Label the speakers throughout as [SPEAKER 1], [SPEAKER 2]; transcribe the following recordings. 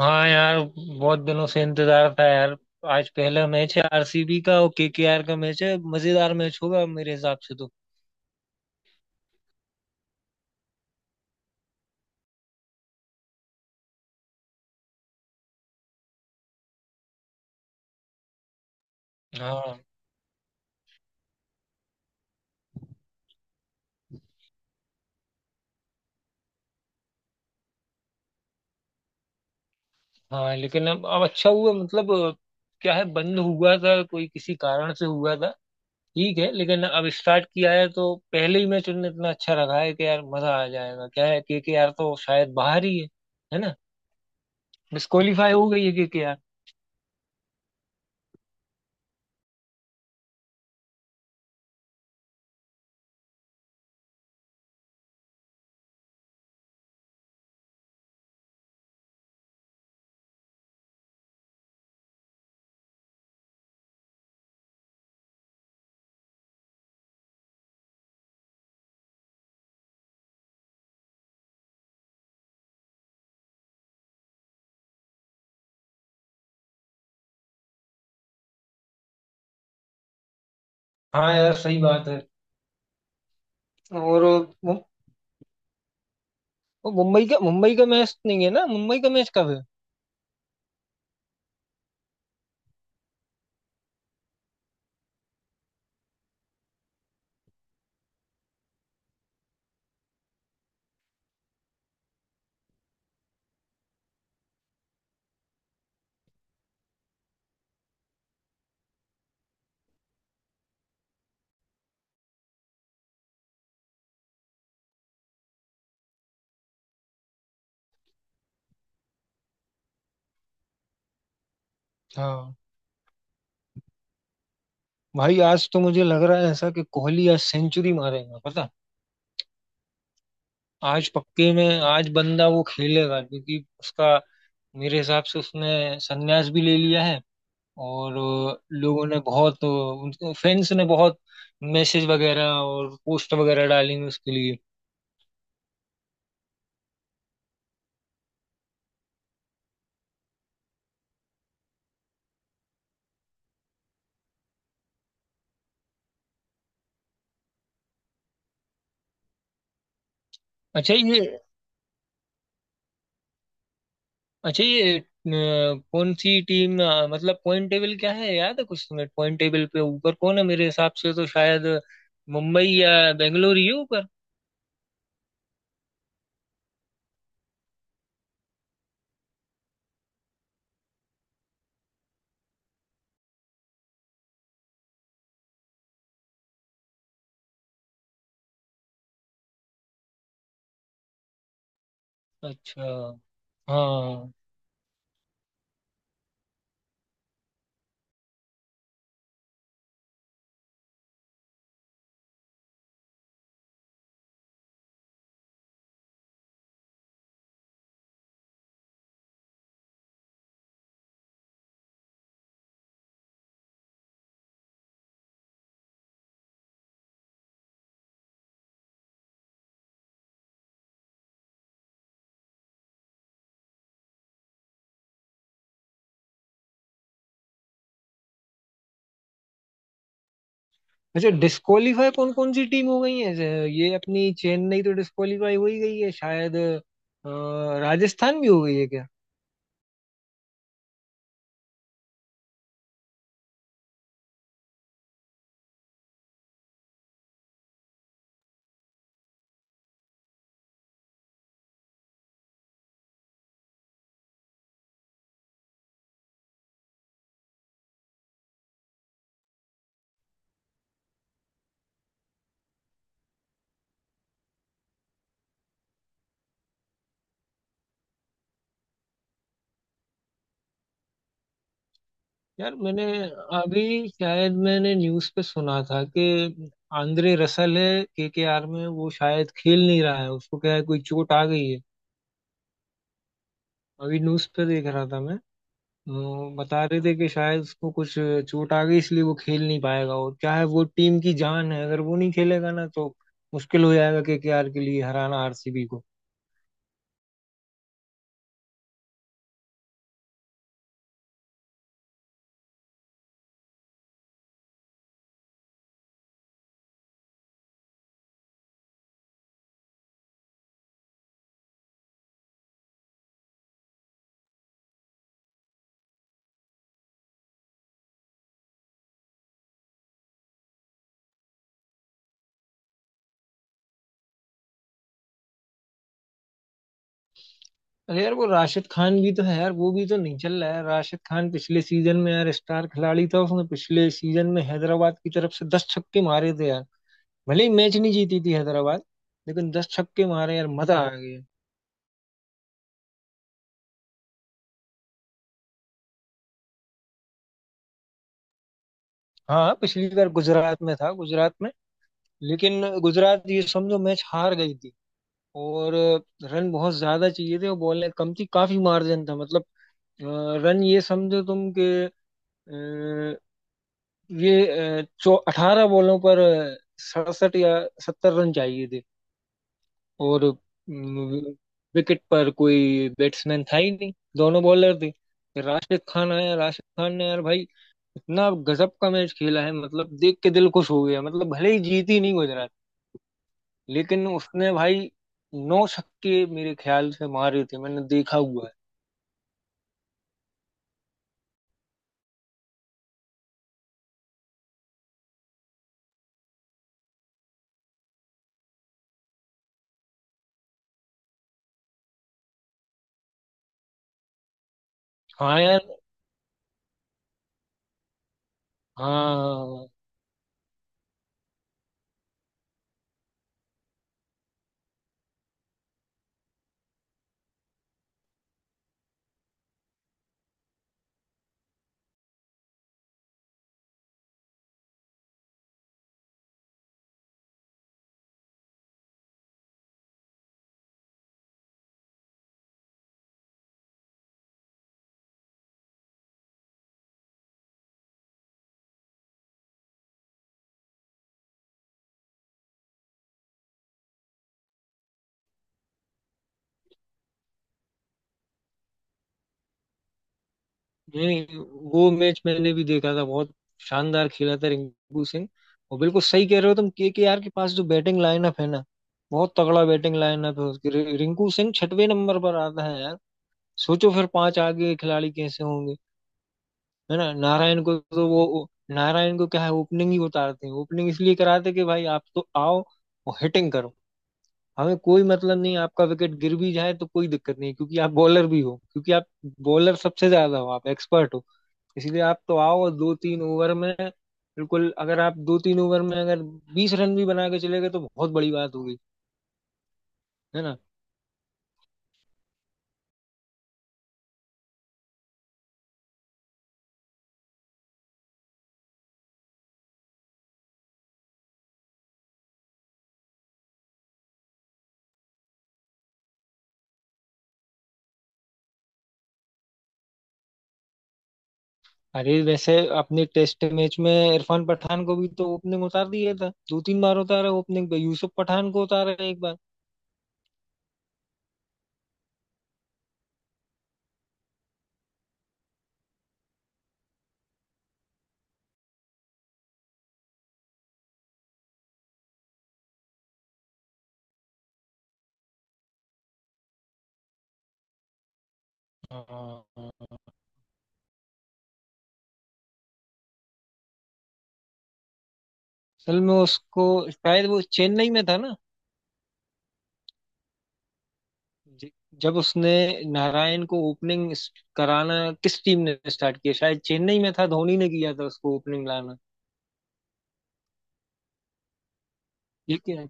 [SPEAKER 1] हाँ यार। बहुत दिनों से इंतजार था यार। आज पहला मैच है आरसीबी का और केकेआर का मैच है। मजेदार मैच होगा मेरे हिसाब से तो। हाँ। हाँ, लेकिन अब अच्छा हुआ मतलब, क्या है बंद हुआ था कोई किसी कारण से हुआ था। ठीक है लेकिन अब स्टार्ट किया है तो पहले ही मैच उन्होंने इतना अच्छा रखा है कि यार मजा आ जाएगा। क्या है, केकेआर तो शायद बाहर ही है ना। डिस्क्वालीफाई हो गई है केकेआर। हाँ यार सही बात है। और वो मुंबई का मैच नहीं है ना। मुंबई का मैच कब है। हाँ। भाई आज तो मुझे लग रहा है ऐसा कि कोहली आज सेंचुरी मारेगा पता। आज पक्के में आज बंदा वो खेलेगा क्योंकि उसका मेरे हिसाब से उसने संन्यास भी ले लिया है। और लोगों ने बहुत फैंस ने बहुत मैसेज वगैरह और पोस्ट वगैरह डाली हैं उसके लिए। अच्छा ये अच्छा ये अ, कौन सी टीम, मतलब पॉइंट टेबल क्या है, याद है कुछ तुम्हें। पॉइंट टेबल पे ऊपर कौन है, मेरे हिसाब से तो शायद मुंबई या बेंगलोर ही है ऊपर। अच्छा। हाँ। अच्छा, डिस्क्वालीफाई कौन कौन सी टीम हो गई है। ये अपनी चेन्नई तो डिस्क्वालीफाई हो ही गई है, शायद राजस्थान भी हो गई है क्या। यार मैंने अभी शायद मैंने न्यूज़ पे सुना था कि आंद्रे रसल है केकेआर में, वो शायद खेल नहीं रहा है, उसको क्या है कोई चोट आ गई है। अभी न्यूज़ पे देख रहा था मैं। अ, बता रहे थे कि शायद उसको कुछ चोट आ गई, इसलिए वो खेल नहीं पाएगा। और क्या है, वो टीम की जान है। अगर वो नहीं खेलेगा ना तो मुश्किल हो जाएगा केकेआर के लिए हराना आरसीबी को। अरे यार, वो राशिद खान भी तो है यार। वो भी तो नहीं चल रहा है। राशिद खान पिछले सीजन में यार स्टार खिलाड़ी था। उसने पिछले सीजन में हैदराबाद की तरफ से 10 छक्के मारे थे यार। भले ही मैच नहीं जीती थी हैदराबाद। लेकिन 10 छक्के मारे यार, मजा आ गया। हाँ पिछली बार गुजरात में था, गुजरात में। लेकिन गुजरात, ये समझो, मैच हार गई थी। और रन बहुत ज्यादा चाहिए थे और बॉलें कम थी, काफी मार्जिन था। मतलब, अ, रन ये समझो तुम के, ये चौ 18 बॉलों पर 67 या 70 रन चाहिए थे। और विकेट पर कोई बैट्समैन था ही नहीं, दोनों बॉलर थे। फिर राशिद खान आया, राशिद खान ने यार भाई इतना गजब का मैच खेला है, मतलब देख के दिल खुश हो गया। मतलब भले ही जीती नहीं गुजरात, लेकिन उसने भाई नौ छक्के मेरे ख्याल से मारे थे, मैंने देखा हुआ है। हाँ यार। हाँ नहीं, वो मैच मैंने भी देखा था। बहुत शानदार खेला था रिंकू सिंह। और बिल्कुल सही कह रहे हो तुम, केकेआर के पास जो बैटिंग लाइनअप है ना, बहुत तगड़ा बैटिंग लाइनअप है उसकी। रिंकू सिंह छठवें नंबर पर आता है यार। सोचो फिर पांच आगे खिलाड़ी कैसे होंगे, है ना। नारायण को, क्या है, ओपनिंग ही उतारते हैं। ओपनिंग इसलिए कराते हैं कि भाई आप तो आओ और हिटिंग करो। हमें कोई मतलब नहीं आपका विकेट गिर भी जाए तो कोई दिक्कत नहीं, क्योंकि आप बॉलर भी हो, क्योंकि आप बॉलर सबसे ज्यादा हो, आप एक्सपर्ट हो। इसीलिए आप तो आओ और दो तीन ओवर में, बिल्कुल, अगर आप दो तीन ओवर में अगर 20 रन भी बना के चले गए तो बहुत बड़ी बात होगी, है ना। अरे वैसे अपने टेस्ट मैच में इरफान पठान को भी तो ओपनिंग उतार दिया था, दो तीन बार उतारा ओपनिंग पे। यूसुफ पठान को उतारा एक बार। हाँ, असल में उसको शायद वो चेन्नई में था ना। ज- जब उसने नारायण को ओपनिंग कराना, किस टीम ने स्टार्ट किया, शायद चेन्नई में था, धोनी ने किया था उसको ओपनिंग लाना, ठीक है।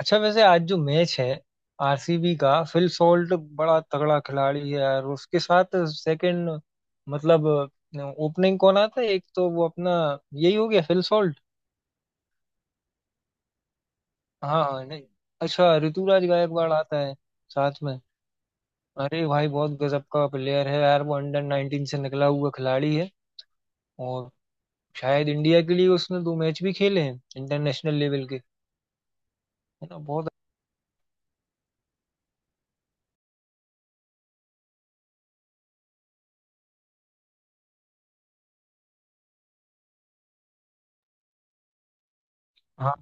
[SPEAKER 1] अच्छा, वैसे आज जो मैच है आरसीबी का, फिल सॉल्ट बड़ा तगड़ा खिलाड़ी है यार। उसके साथ सेकंड, मतलब ओपनिंग कौन आता है, एक तो वो अपना, यही हो गया, फिल सॉल्ट। हाँ हाँ, नहीं, अच्छा, ऋतुराज गायकवाड़ आता है साथ में। अरे भाई बहुत गजब का प्लेयर है यार। वो अंडर 19 से निकला हुआ खिलाड़ी है। और शायद इंडिया के लिए उसने दो मैच भी खेले हैं, इंटरनेशनल लेवल के, है ना, बहुत। हाँ,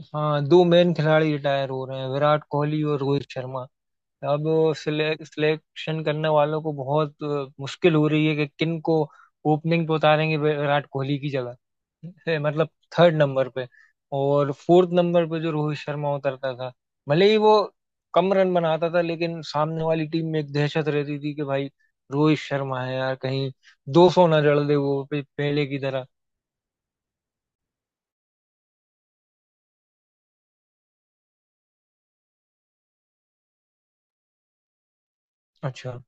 [SPEAKER 1] हाँ, दो मेन खिलाड़ी रिटायर हो रहे हैं, विराट कोहली और रोहित शर्मा। अब सिलेक्शन करने वालों को बहुत मुश्किल हो रही है कि किन को ओपनिंग पे उतारेंगे विराट कोहली की जगह, है, मतलब थर्ड नंबर पे। और फोर्थ नंबर पे जो रोहित शर्मा उतरता था, भले ही वो कम रन बनाता था, लेकिन सामने वाली टीम में एक दहशत रहती थी कि भाई रोहित शर्मा है यार, कहीं 200 ना जड़ दे वो पहले की तरह। अच्छा,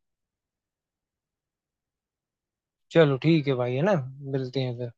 [SPEAKER 1] चलो ठीक है भाई, है ना। मिलते हैं फिर।